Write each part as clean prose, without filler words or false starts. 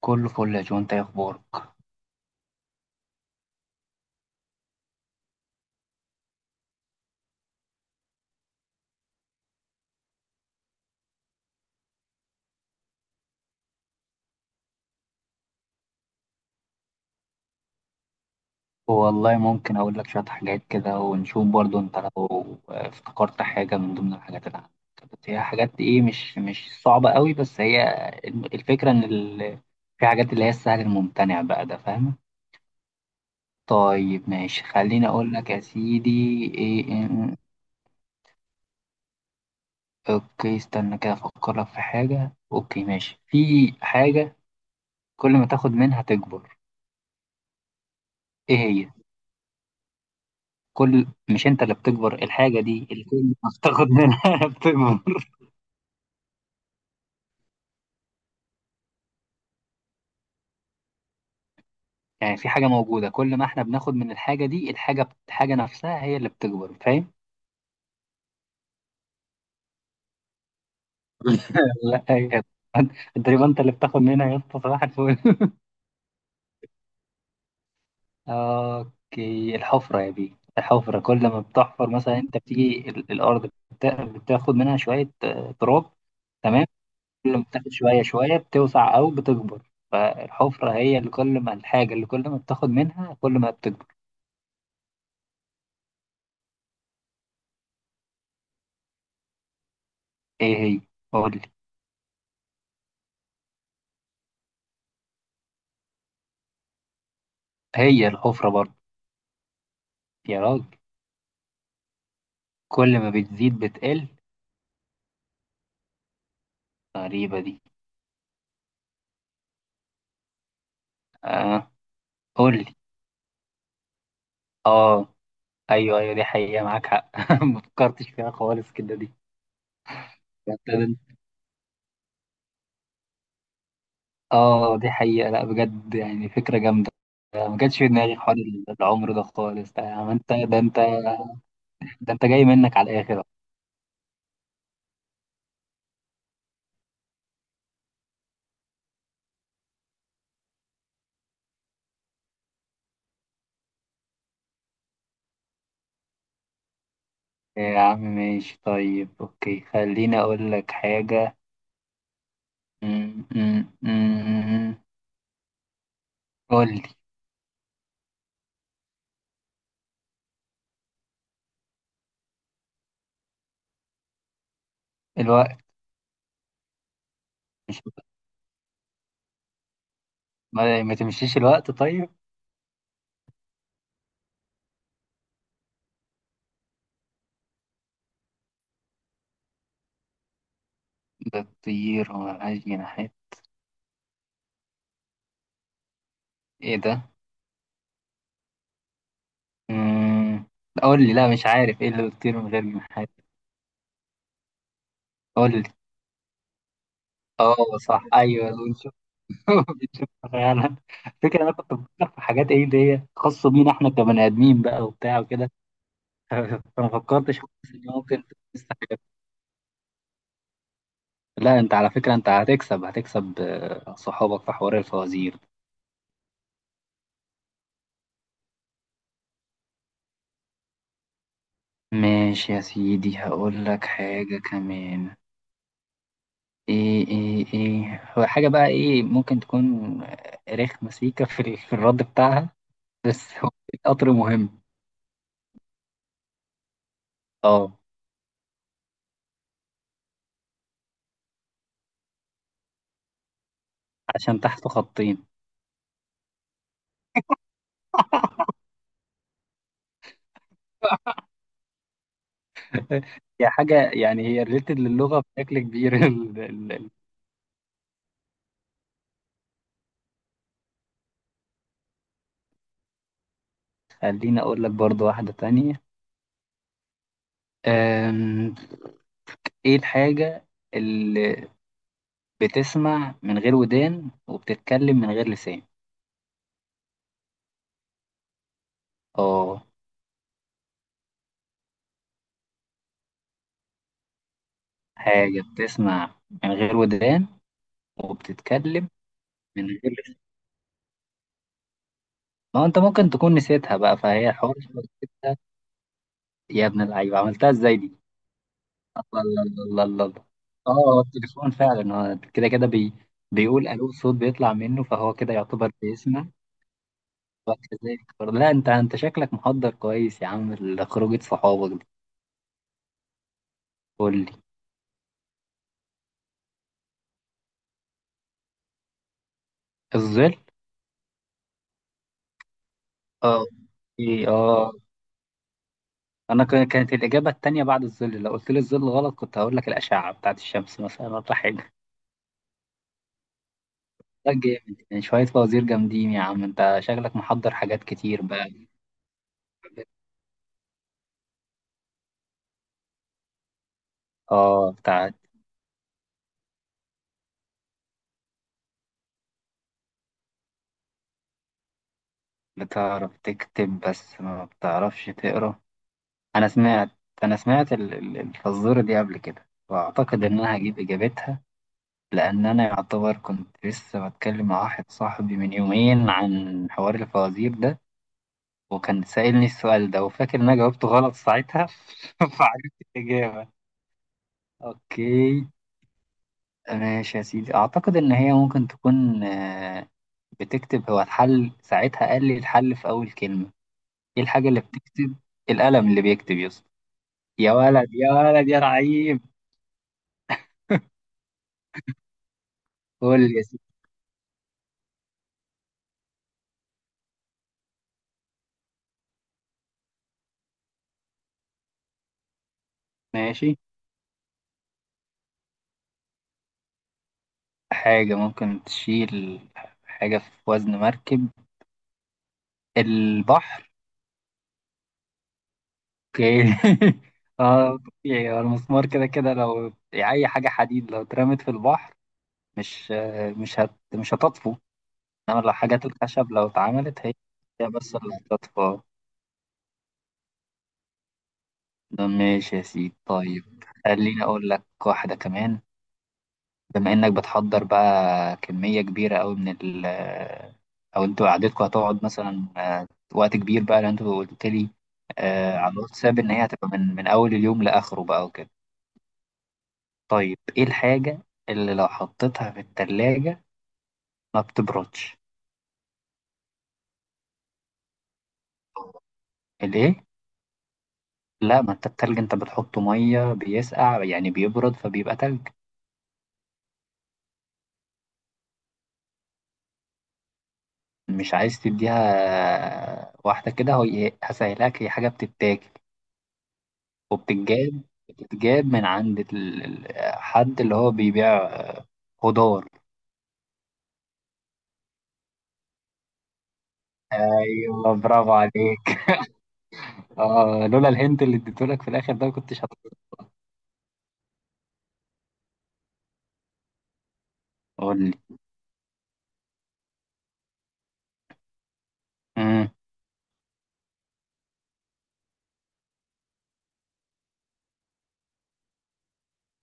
كله فل يا جو، انت ايه اخبارك؟ والله ممكن اقول لك شويه حاجات كده ونشوف، برضو انت لو افتكرت حاجه من ضمن الحاجات اللي عندك. بس هي حاجات ايه، مش صعبه قوي، بس هي الفكره ان في حاجات اللي هي السهل الممتنع بقى، ده فاهم؟ طيب ماشي، خليني اقول لك يا سيدي. ايه إيه- اوكي، استنى كده افكر لك في حاجه. اوكي ماشي، في حاجه كل ما تاخد منها تكبر. ايه هي؟ كل... مش انت اللي بتكبر الحاجه دي، اللي كل ما بتاخد منها بتكبر. يعني في حاجه موجوده، كل ما احنا بناخد من الحاجه دي، الحاجه الحاجه نفسها هي اللي بتكبر، فاهم؟ لا يا اسطى. تقريبا انت اللي بتاخد منها يا اسطى، صباح الفل. اوكي، الحفره يا بيه. الحفره كل ما بتحفر، مثلا انت بتيجي الارض بتاخد منها شويه تراب. تمام. كل ما بتاخد شويه شويه بتوسع او بتكبر، فالحفره هي اللي كل ما الحاجه اللي كل ما بتاخد منها كل ما بتكبر. ايه هي؟ قول لي. هي الحفرة برضه. يا راجل، كل ما بتزيد بتقل؟ غريبة دي. آه، قول لي. اه ايوه ايوه، دي حقيقة، معاك حق، ما فكرتش فيها خالص كده دي. ابتدى- اه دي حقيقة، لا بجد يعني فكرة جامدة. ما جاتش في دماغي حوار العمر ده خالص، ده يا عم انت، ده انت، ده انت جاي منك على الاخر. يا عم ماشي، طيب اوكي خليني اقول لك حاجة. م- م- م- م- قول لي. الوقت. مش ما تمشيش الوقت طيب. ده الطير هو ملهاش جناحات. ايه ده؟ مم. قول لي. لا مش عارف ايه اللي بيطير من غير جناحات. قول لي. اه صح، ايوه بنشوف. بنشوف فعلا. فكرة، انا كنت بفكر في حاجات ايه اللي هي خاصة بينا احنا كبني ادمين بقى وبتاع وكده. فما فكرتش خالص ان ممكن تستحق. لا انت على فكرة، انت هتكسب، هتكسب صحابك في حوار الفوازير. ماشي يا سيدي، هقول لك حاجة كمان. ايه هو حاجة بقى ايه ممكن تكون؟ رخمة سيكة في الرد بتاعها. بس هو القطر مهم. اه، عشان تحته خطين. هي حاجة يعني، هي ريليتد للغة بشكل كبير. خليني اقول لك برضو واحدة تانية. أم، ايه الحاجة اللي بتسمع من غير ودان وبتتكلم من غير لسان؟ اه، حاجة بتسمع من غير ودان وبتتكلم من غير. ما هو انت ممكن تكون نسيتها بقى، فهي حوار إنك نسيتها. يا ابن اللعيبه، عملتها ازاي دي؟ الله الله الله الله الله. اه هو التليفون فعلا، هو كده كده بيقول الو، الصوت بيطلع منه، فهو كده يعتبر بيسمع. لا انت شكلك محضر كويس يا عم لخروجه صحابك دي. قول لي. الظل. اه. ايه اه. انا كانت الاجابه التانيه بعد الظل، لو قلت لي الظل غلط كنت هقول لك الاشعه بتاعت الشمس مثلا ولا حاجه. ده جامد، يعني شويه فوازير جامدين، يا عم انت شكلك محضر حاجات كتير بقى. اه، بتاعت بتعرف تكتب بس ما بتعرفش تقرا. انا سمعت، انا سمعت الفزورة دي قبل كده، واعتقد ان انا هجيب اجابتها. لان انا يعتبر كنت لسه بتكلم مع واحد صاحبي من يومين عن حوار الفوازير ده، وكان سائلني السؤال ده، وفاكر ان انا جاوبته غلط ساعتها. فعرفت الاجابة. اوكي ماشي يا سيدي، اعتقد ان هي ممكن تكون بتكتب. هو الحل ساعتها قال لي الحل في اول كلمة. ايه الحاجة اللي بتكتب؟ القلم اللي بيكتب يا اسطى. يا ولد، يا ولد، يا رعيب. قول يا سيدي. ماشي. حاجة ممكن تشيل، حاجة في وزن مركب. البحر. اوكي، اه طبيعي، هو المسمار كده كده لو اي حاجة حديد لو اترمت في البحر مش مش هتطفو. انما لو حاجات الخشب لو اتعملت، هي، هي بس اللي هتطفو. ماشي يا سيدي، طيب خليني اقول لك واحدة كمان. بما انك بتحضر بقى كمية كبيرة قوي من او انتوا قعدتكوا هتقعد مثلا وقت كبير بقى، لان انتوا قلت لي على الواتساب ان هي هتبقى من اول اليوم لاخره بقى وكده. طيب ايه الحاجة اللي لو حطيتها في التلاجة ما بتبردش؟ الايه؟ لا ما انت التلج انت بتحطه مية بيسقع يعني بيبرد فبيبقى تلج. مش عايز تديها واحدة كده. هو هسهلك، هي حاجة بتتاكل وبتتجاب. بتتجاب من عند حد اللي هو بيبيع خضار. ايوه برافو عليك. اه لولا الهنت اللي اديتهولك في الاخر ده ما كنتش هتقول لي. امم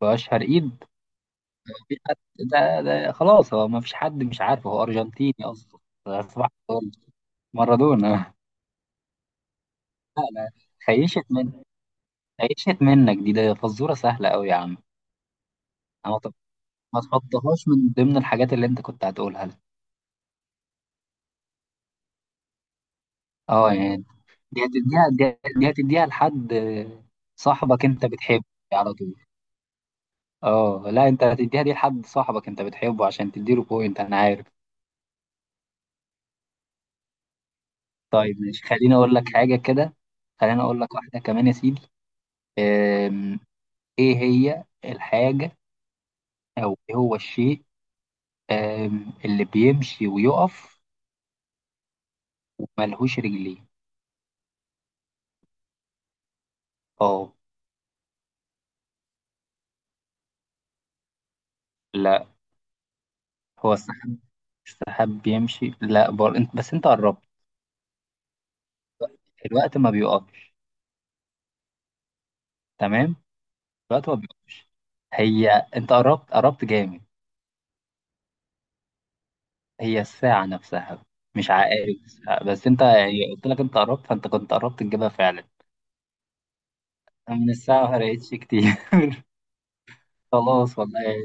واشهر ايد. في حد ده، ده خلاص هو ما فيش حد مش عارفه، هو ارجنتيني اصلا. اصبحت أقول مارادونا. لا لا، خيشت من خيشت منك دي، ده فزوره سهله قوي يا عم. انا طب ما تحطهاش من ضمن الحاجات اللي انت كنت هتقولها لي. اه يعني دي هتديها لحد صاحبك انت بتحبه على طول. اه لا، انت هتديها دي لحد صاحبك انت بتحبه عشان تديله بوينت، انا عارف. طيب ماشي، خليني اقول لك حاجة كده. خليني اقول لك واحدة كمان يا سيدي. أم، ايه هي الحاجة او ايه هو الشيء اللي بيمشي ويقف وملهوش رجلين؟ اه. لا، هو السحاب؟ السحاب بيمشي، لا انت بس، انت قربت. الوقت ما بيقفش. تمام. الوقت ما بيقفش. هي، انت قربت، قربت جامد. هي الساعة نفسها، مش عقارب الساعة بس. انت يعني قلت لك انت قربت، فانت كنت قربت تجيبها فعلا. أنا من الساعة ما فرقتش كتير. خلاص والله.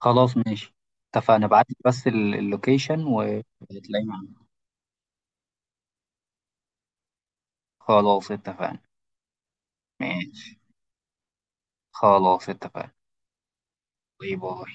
خلاص ماشي، اتفقنا. ابعت لي بس اللوكيشن وهتلاقيه معانا. خلاص اتفقنا. ماشي، خلاص اتفقنا. باي باي.